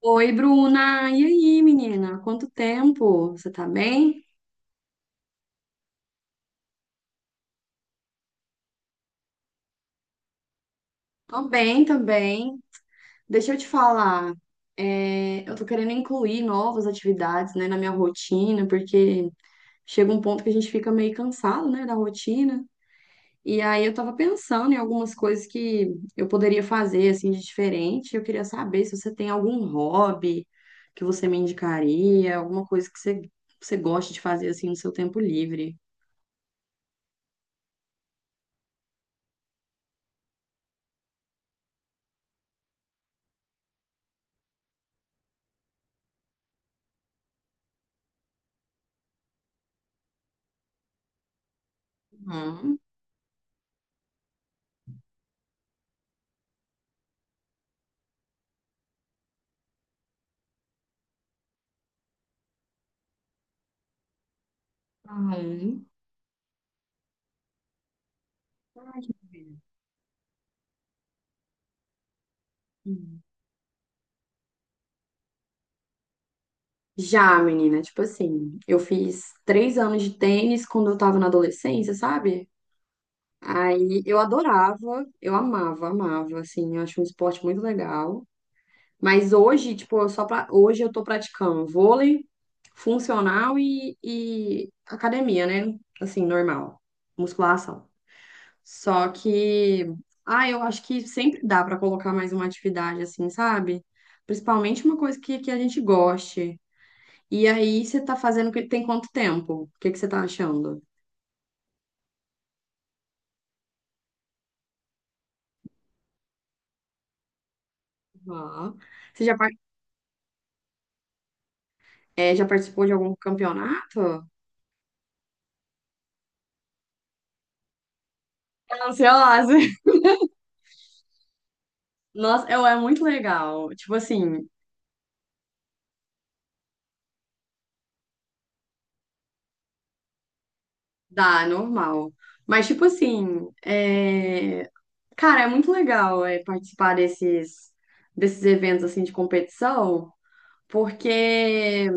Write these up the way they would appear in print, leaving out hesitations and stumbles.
Oi, Bruna. E aí, menina? Quanto tempo? Você tá bem? Tô bem, tô bem. Deixa eu te falar. É, eu tô querendo incluir novas atividades, né, na minha rotina, porque chega um ponto que a gente fica meio cansado, né, da rotina. E aí eu tava pensando em algumas coisas que eu poderia fazer, assim, de diferente. Eu queria saber se você tem algum hobby que você me indicaria, alguma coisa que você gosta de fazer, assim, no seu tempo livre. Hum. Uhum. Ai, que maravilha. Hum. Já, menina, tipo assim, eu fiz 3 anos de tênis quando eu tava na adolescência, sabe? Aí eu adorava, eu amava, amava, assim, eu acho um esporte muito legal. Mas hoje, tipo, hoje eu tô praticando vôlei funcional e academia, né? Assim, normal, musculação. Só que, ah, eu acho que sempre dá pra colocar mais uma atividade, assim, sabe? Principalmente uma coisa que a gente goste. E aí você tá fazendo tem quanto tempo? O que que você tá achando? Ó. Você já participou de algum campeonato? Tô ansiosa. Nossa, é muito legal. Tipo assim, dá, é normal. Mas, tipo assim, cara, é muito legal participar desses eventos assim de competição. Porque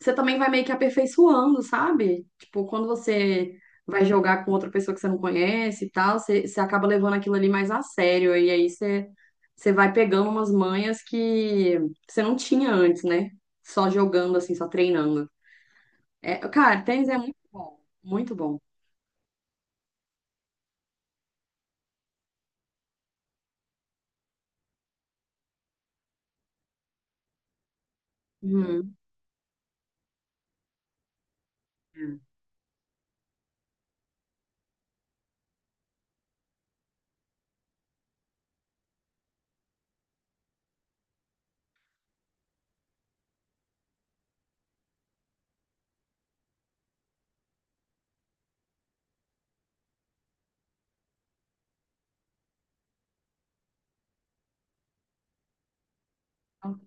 você também vai meio que aperfeiçoando, sabe? Tipo, quando você vai jogar com outra pessoa que você não conhece e tal, você acaba levando aquilo ali mais a sério, e aí você vai pegando umas manhas que você não tinha antes, né? Só jogando, assim, só treinando. É, cara, tênis é muito bom, muito bom. Uhum.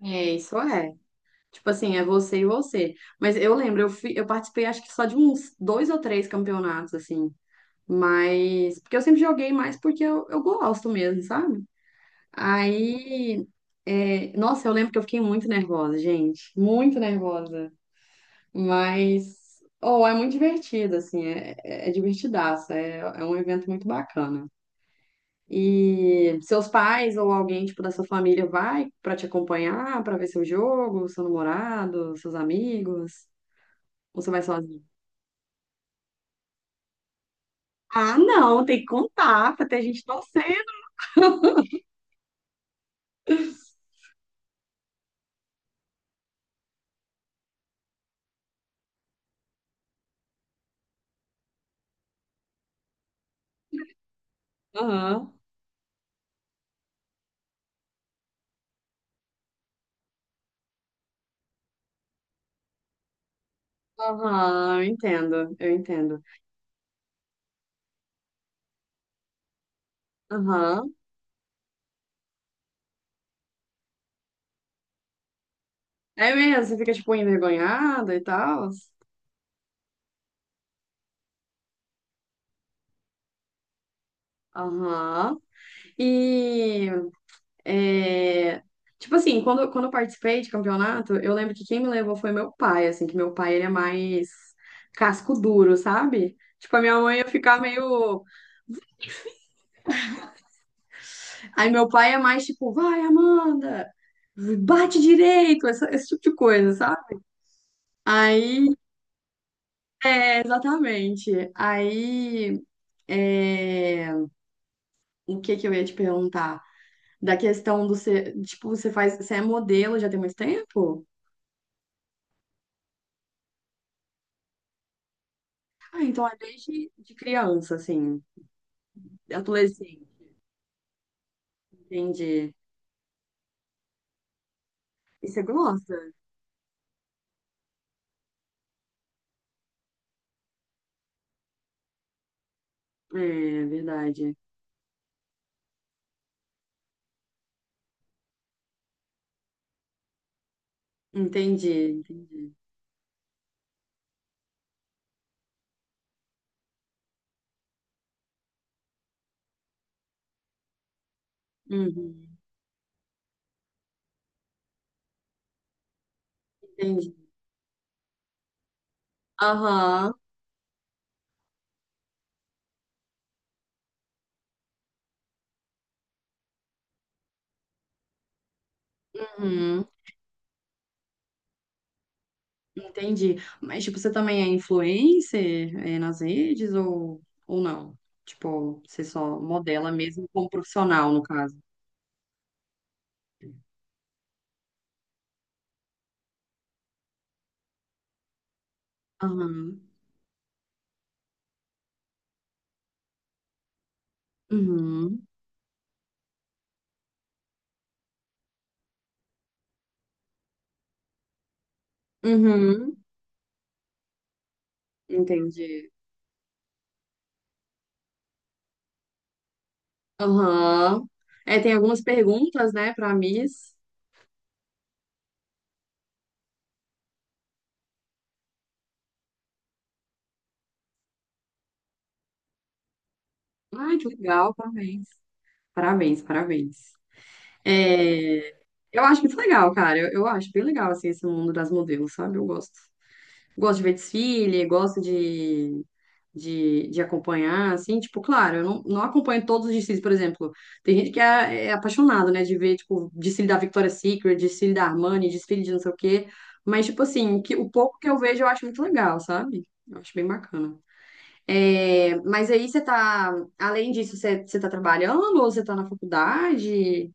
É, isso é. Tipo assim, é você e você. Mas eu lembro, eu participei acho que só de uns 2 ou 3 campeonatos, assim. Mas, porque eu sempre joguei mais porque eu gosto mesmo, sabe? Aí, nossa, eu lembro que eu fiquei muito nervosa, gente, muito nervosa. Mas, oh, é muito divertido, assim, é divertidaço, é um evento muito bacana. E seus pais ou alguém, tipo, da sua família vai pra te acompanhar, pra ver seu jogo, seu namorado, seus amigos? Ou você vai sozinho? Ah, não, tem que contar pra ter gente torcendo. Aham. Aham, eu entendo, eu entendo. Aham. É mesmo, você fica, tipo, envergonhada e tal? Aham. E, é, tipo assim, quando eu participei de campeonato, eu lembro que quem me levou foi meu pai, assim, que meu pai, ele é mais casco duro, sabe? Tipo, a minha mãe ia ficar meio... Aí meu pai é mais, tipo, vai, Amanda, bate direito, esse tipo de coisa, sabe? Aí, exatamente. É... O que que eu ia te perguntar? Da questão do ser, tipo, você é modelo já tem muito tempo? Ah, então é desde de criança, assim, adolescente, entendi. E você gosta? É, verdade. Entendi, entendi. Uhum, entendi. Aham, uhum, entendi. Mas, tipo, você também é influencer, nas redes ou, não? Tipo, você só modela mesmo como profissional, no caso. Aham, uhum, uhum, entendi. Aham. É, tem algumas perguntas, né, para Miss. Ai, que legal, parabéns. Parabéns, parabéns. É, eu acho muito legal, cara. Eu acho bem legal, assim, esse mundo das modelos, sabe? Eu gosto. Gosto de ver desfile, gosto de acompanhar, assim. Tipo, claro, eu não acompanho todos os desfiles, por exemplo. Tem gente que é apaixonado, né, de ver, tipo, desfile da Victoria's Secret, desfile da Armani, desfile de não sei o quê. Mas, tipo assim, o pouco que eu vejo eu acho muito legal, sabe? Eu acho bem bacana. É, mas aí além disso, você tá trabalhando ou você tá na faculdade?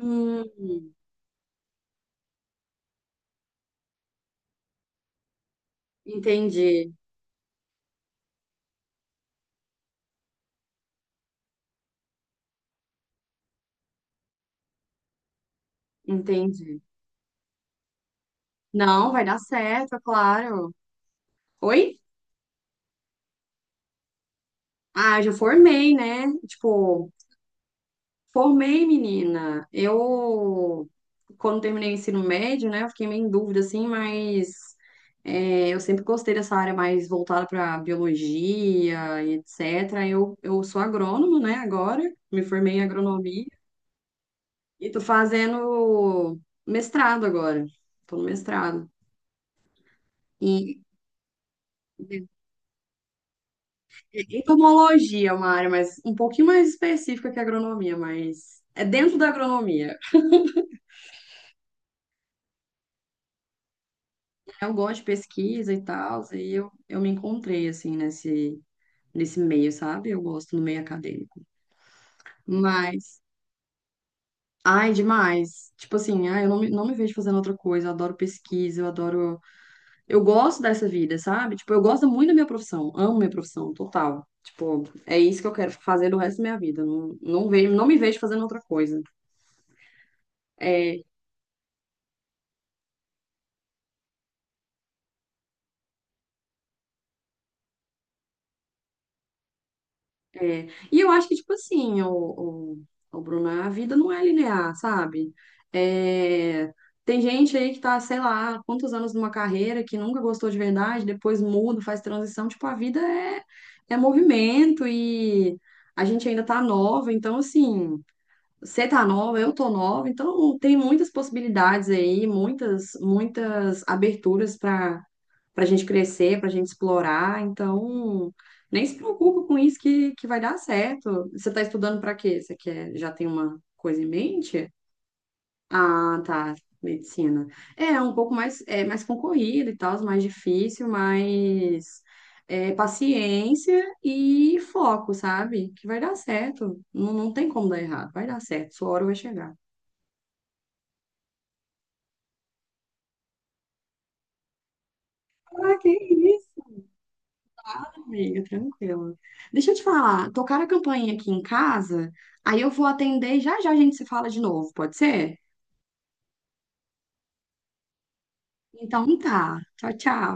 Hum, entendi, entendi. Não, vai dar certo, é claro. Oi? Ah, já formei, né? Tipo, formei, menina. Eu, quando terminei o ensino médio, né, eu fiquei meio em dúvida, assim, mas eu sempre gostei dessa área mais voltada para biologia e etc. Eu sou agrônomo, né, agora, me formei em agronomia. E tô fazendo mestrado agora. Tô no mestrado. E entomologia, é uma área mais um pouquinho mais específica que a agronomia, mas é dentro da agronomia. Eu gosto de pesquisa e tal, e eu me encontrei assim nesse meio, sabe? Eu gosto no meio acadêmico. Mas, ai, demais. Tipo assim, ai, eu não me vejo fazendo outra coisa. Eu adoro pesquisa, eu gosto dessa vida, sabe? Tipo, eu gosto muito da minha profissão, amo minha profissão, total. Tipo, é isso que eu quero fazer do resto da minha vida. Não, não vejo, não me vejo fazendo outra coisa. É, é. E eu acho que, tipo assim, o Bruno, a vida não é linear, sabe? É, tem gente aí que tá, sei lá, quantos anos numa carreira que nunca gostou de verdade, depois muda, faz transição. Tipo, a vida é movimento e a gente ainda tá nova, então, assim. Você tá nova, eu tô nova, então tem muitas possibilidades aí, muitas, muitas aberturas para a gente crescer, para a gente explorar. Então, nem se preocupa com isso que vai dar certo. Você tá estudando para quê? Já tem uma coisa em mente? Ah, tá. Medicina. É um pouco mais, mais concorrido e tal, mais difícil, mas paciência e foco, sabe? Que vai dar certo. Não, não tem como dar errado. Vai dar certo. Sua hora vai chegar. Ah, que isso? Amiga, tranquila. Deixa eu te falar. Tocaram a campainha aqui em casa, aí eu vou atender e já já a gente se fala de novo, pode ser? Então tá. Tchau, tchau.